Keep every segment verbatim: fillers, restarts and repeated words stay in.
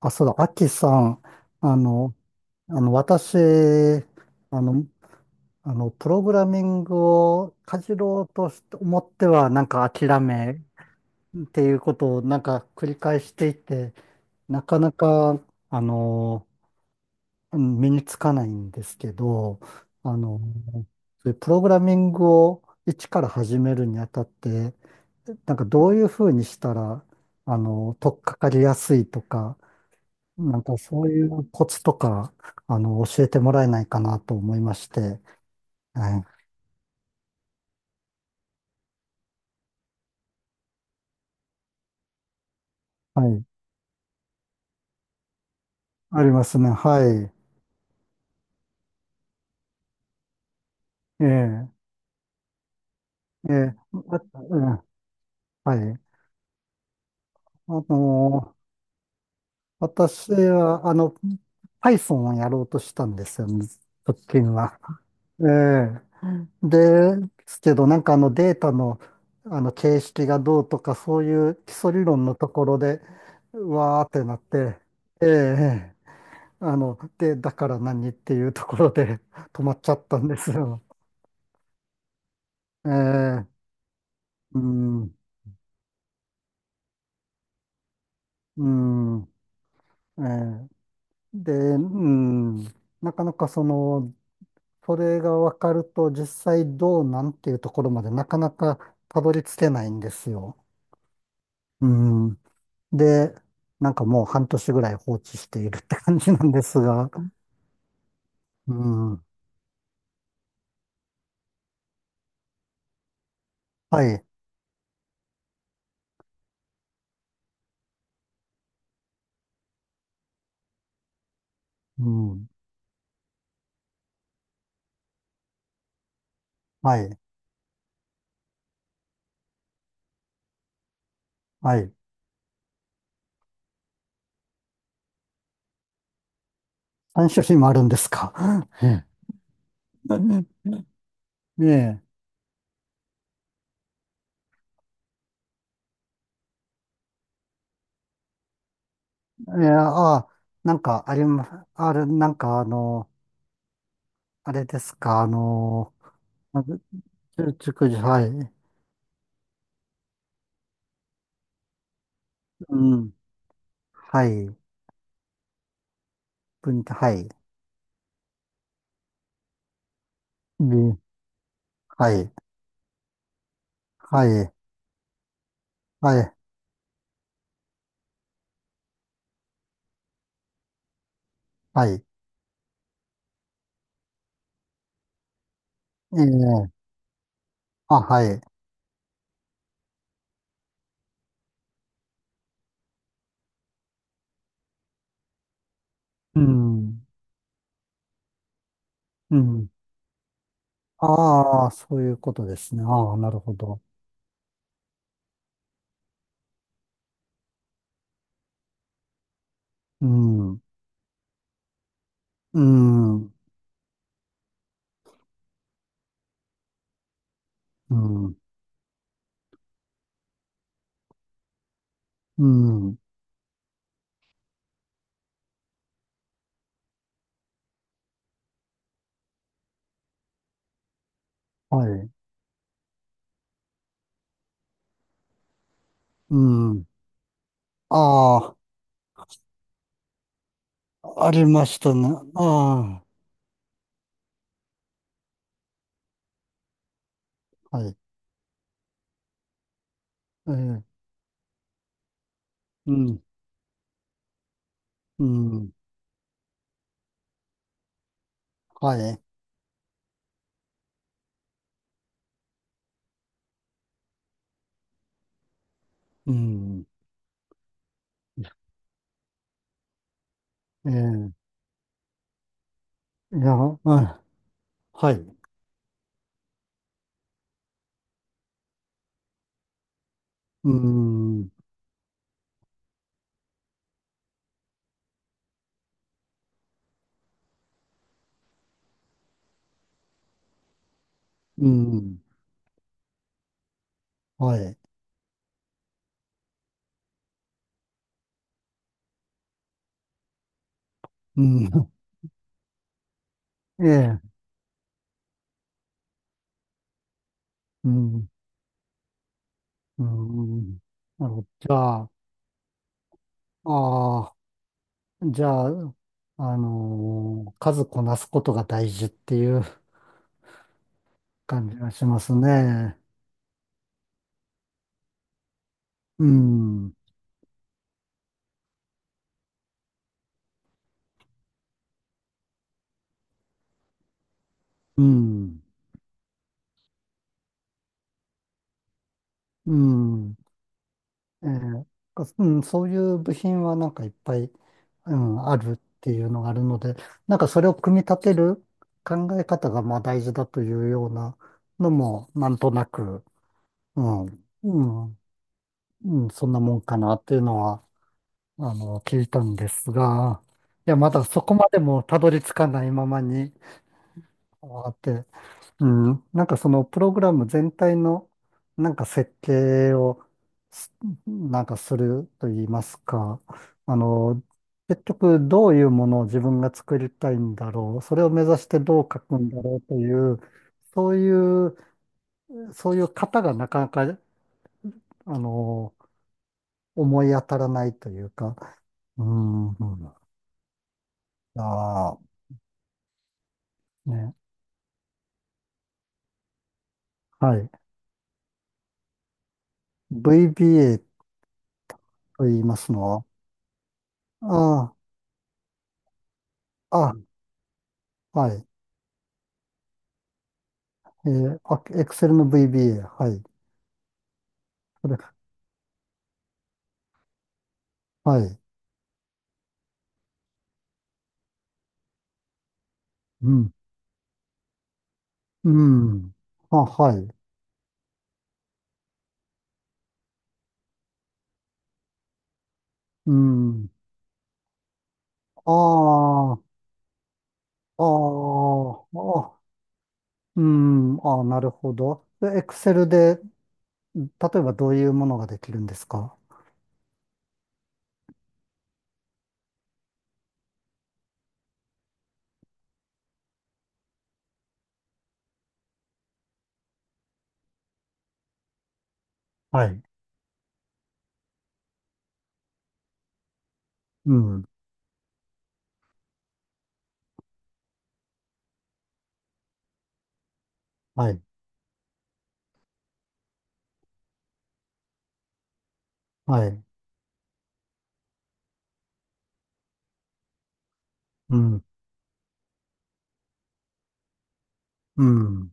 あ、そうだ、アキさん、あの、あの、私、あの、あの、プログラミングをかじろうとして思っては、なんか諦めっていうことをなんか繰り返していて、なかなか、あの、うん身につかないんですけど、あの、そういうプログラミングを一から始めるにあたって、なんかどういうふうにしたら、あの、取っかかりやすいとか、なんかそういうコツとか、あの、教えてもらえないかなと思いまして。はい。はい。ありますね。はい。ええ、ええ、あ、うん、はい。あの、私は、あの、Python をやろうとしたんですよね、直近は。ええ。ですけど、なんかあのデータの、あの形式がどうとか、そういう基礎理論のところで、うわーってなって、ええ。あの、で、だから何っていうところで 止まっちゃったんですよ。ええ、うん、うん、ええ、で、うん、なかなかその、それが分かると実際どうなんていうところまでなかなかたどり着けないんですよ。うん。で、なんかもう半年ぐらい放置しているって感じなんですが、うん、はい、うん、はい、はい。三種類もあるんですか。ええ。ねえ。えー、ああ、なんかありま、あれ、なんかあの、あれですか、あの、あじゅ熟女、はい、うん、はい、文、はい、うはい、はい、はい、はい、ええ、あ、はい、うん、うん、ああ、そういうことですね。ああ、なるほど。うん、うん、うん、うん、はい、うん、ああ、ありましたね。ああ、はい、ええ、うん、うん。はい。うん。ええ、いや、あ、はい。うん。うん。はい。うん。ええ、うん。うん。なるほど。じゃあ、ああ、じゃあ、あのー数こなすことが大事っていう感じがしますね。うん。うん。うん。ええかうん、そういう部品はなんかいっぱい、うん、あるっていうのがあるので、なんかそれを組み立てる考え方がまあ大事だというようなのも、なんとなく、うん、うん、うん、そんなもんかなっていうのは、あの、聞いたんですが、いや、まだそこまでもたどり着かないままに、あーってうん、なんかそのプログラム全体のなんか設計をすなんかすると言いますか、あの、結局どういうものを自分が作りたいんだろう、それを目指してどう書くんだろうという、そういう、そういう型がなかなか、あの、思い当たらないというか、うん、うん、ああ、ね、はい。ブイビーエー と言いますのは、ああ、あ、はい。えー、あ、Excel の ブイビーエー。はい。それ、はい。うん。うん。あ、はい。うん。ああ、ああ、あ、うん。ああ、なるほど。で Excel で、例えばどういうものができるんですか？はい。うん。はい。はい。うん。うん。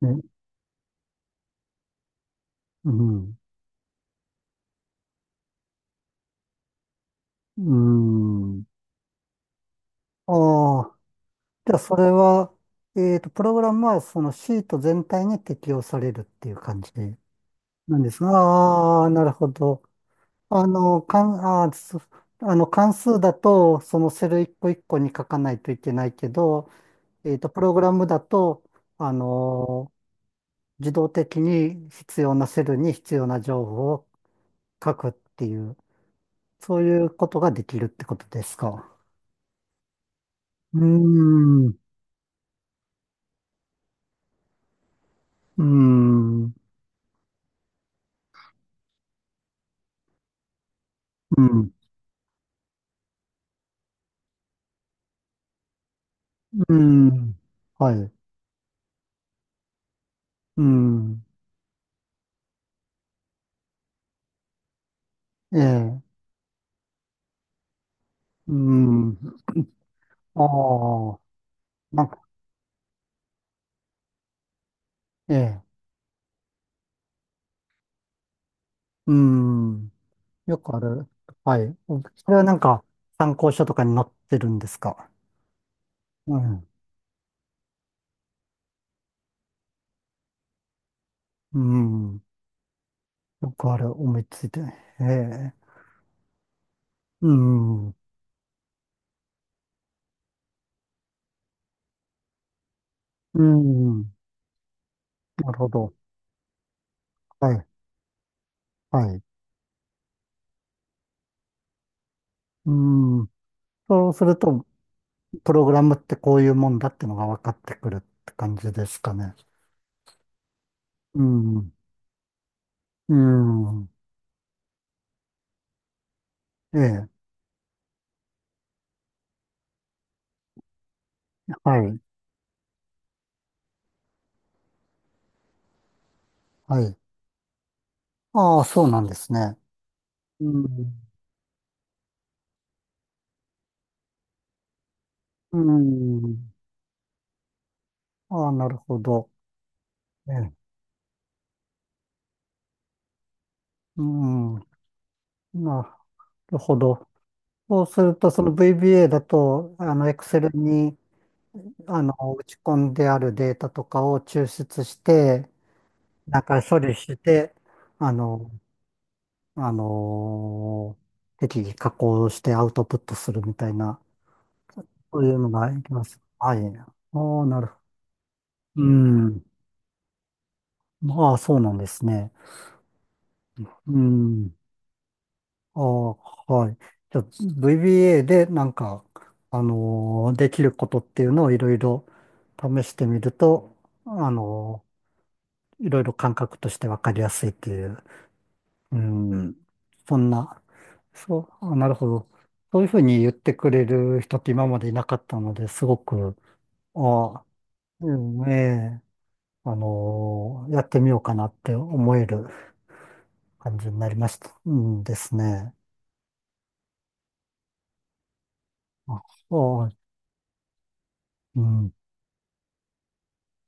ね、うん。うん。ああ、じゃあそれは、えっと、プログラムはそのシート全体に適用されるっていう感じ。でなんですが、ああ、なるほど。あの、かん、あー、そあの、関数だと、そのセル一個一個に書かないといけないけど、えっと、プログラムだと、あの、自動的に必要なセルに必要な情報を書くっていう、そういうことができるってことですか。うーん、うーん、うん、うん、はい、うん、ええ、うん、ああ、なんか、ええ、うん。よくある。はい。それはなんか参考書とかに載ってるんですか？うん。うん。よくある。思いついて。ええ。うん。うん。なるほど。はい。はい。うん。そうすると、プログラムってこういうもんだってのが分かってくるって感じですかね。うん。うん。ええ。はい。はい。ああ、そうなんですね。うん。うん。ああ、なるほど。ええ。うん。なるほど。そうすると、その ブイビーエー だと、あの、Excel に、あの、打ち込んであるデータとかを抽出して、なんか処理して、あの、あの適宜加工してアウトプットするみたいな、そういうのがいきます。はい。ああ、なるほど。うん。ああ、そうなんですね。うん。ああ、はい。じゃあ、ブイビーエー でなんか、あのーできることっていうのをいろいろ試してみると、あのーいろいろ感覚としてわかりやすいっていう、うん、そんな、そう、あ、なるほど。そういうふうに言ってくれる人って今までいなかったので、すごく、ああ、うん、ええ、あのーやってみようかなって思える感じになりました。うんですね。あ、ああ、うん。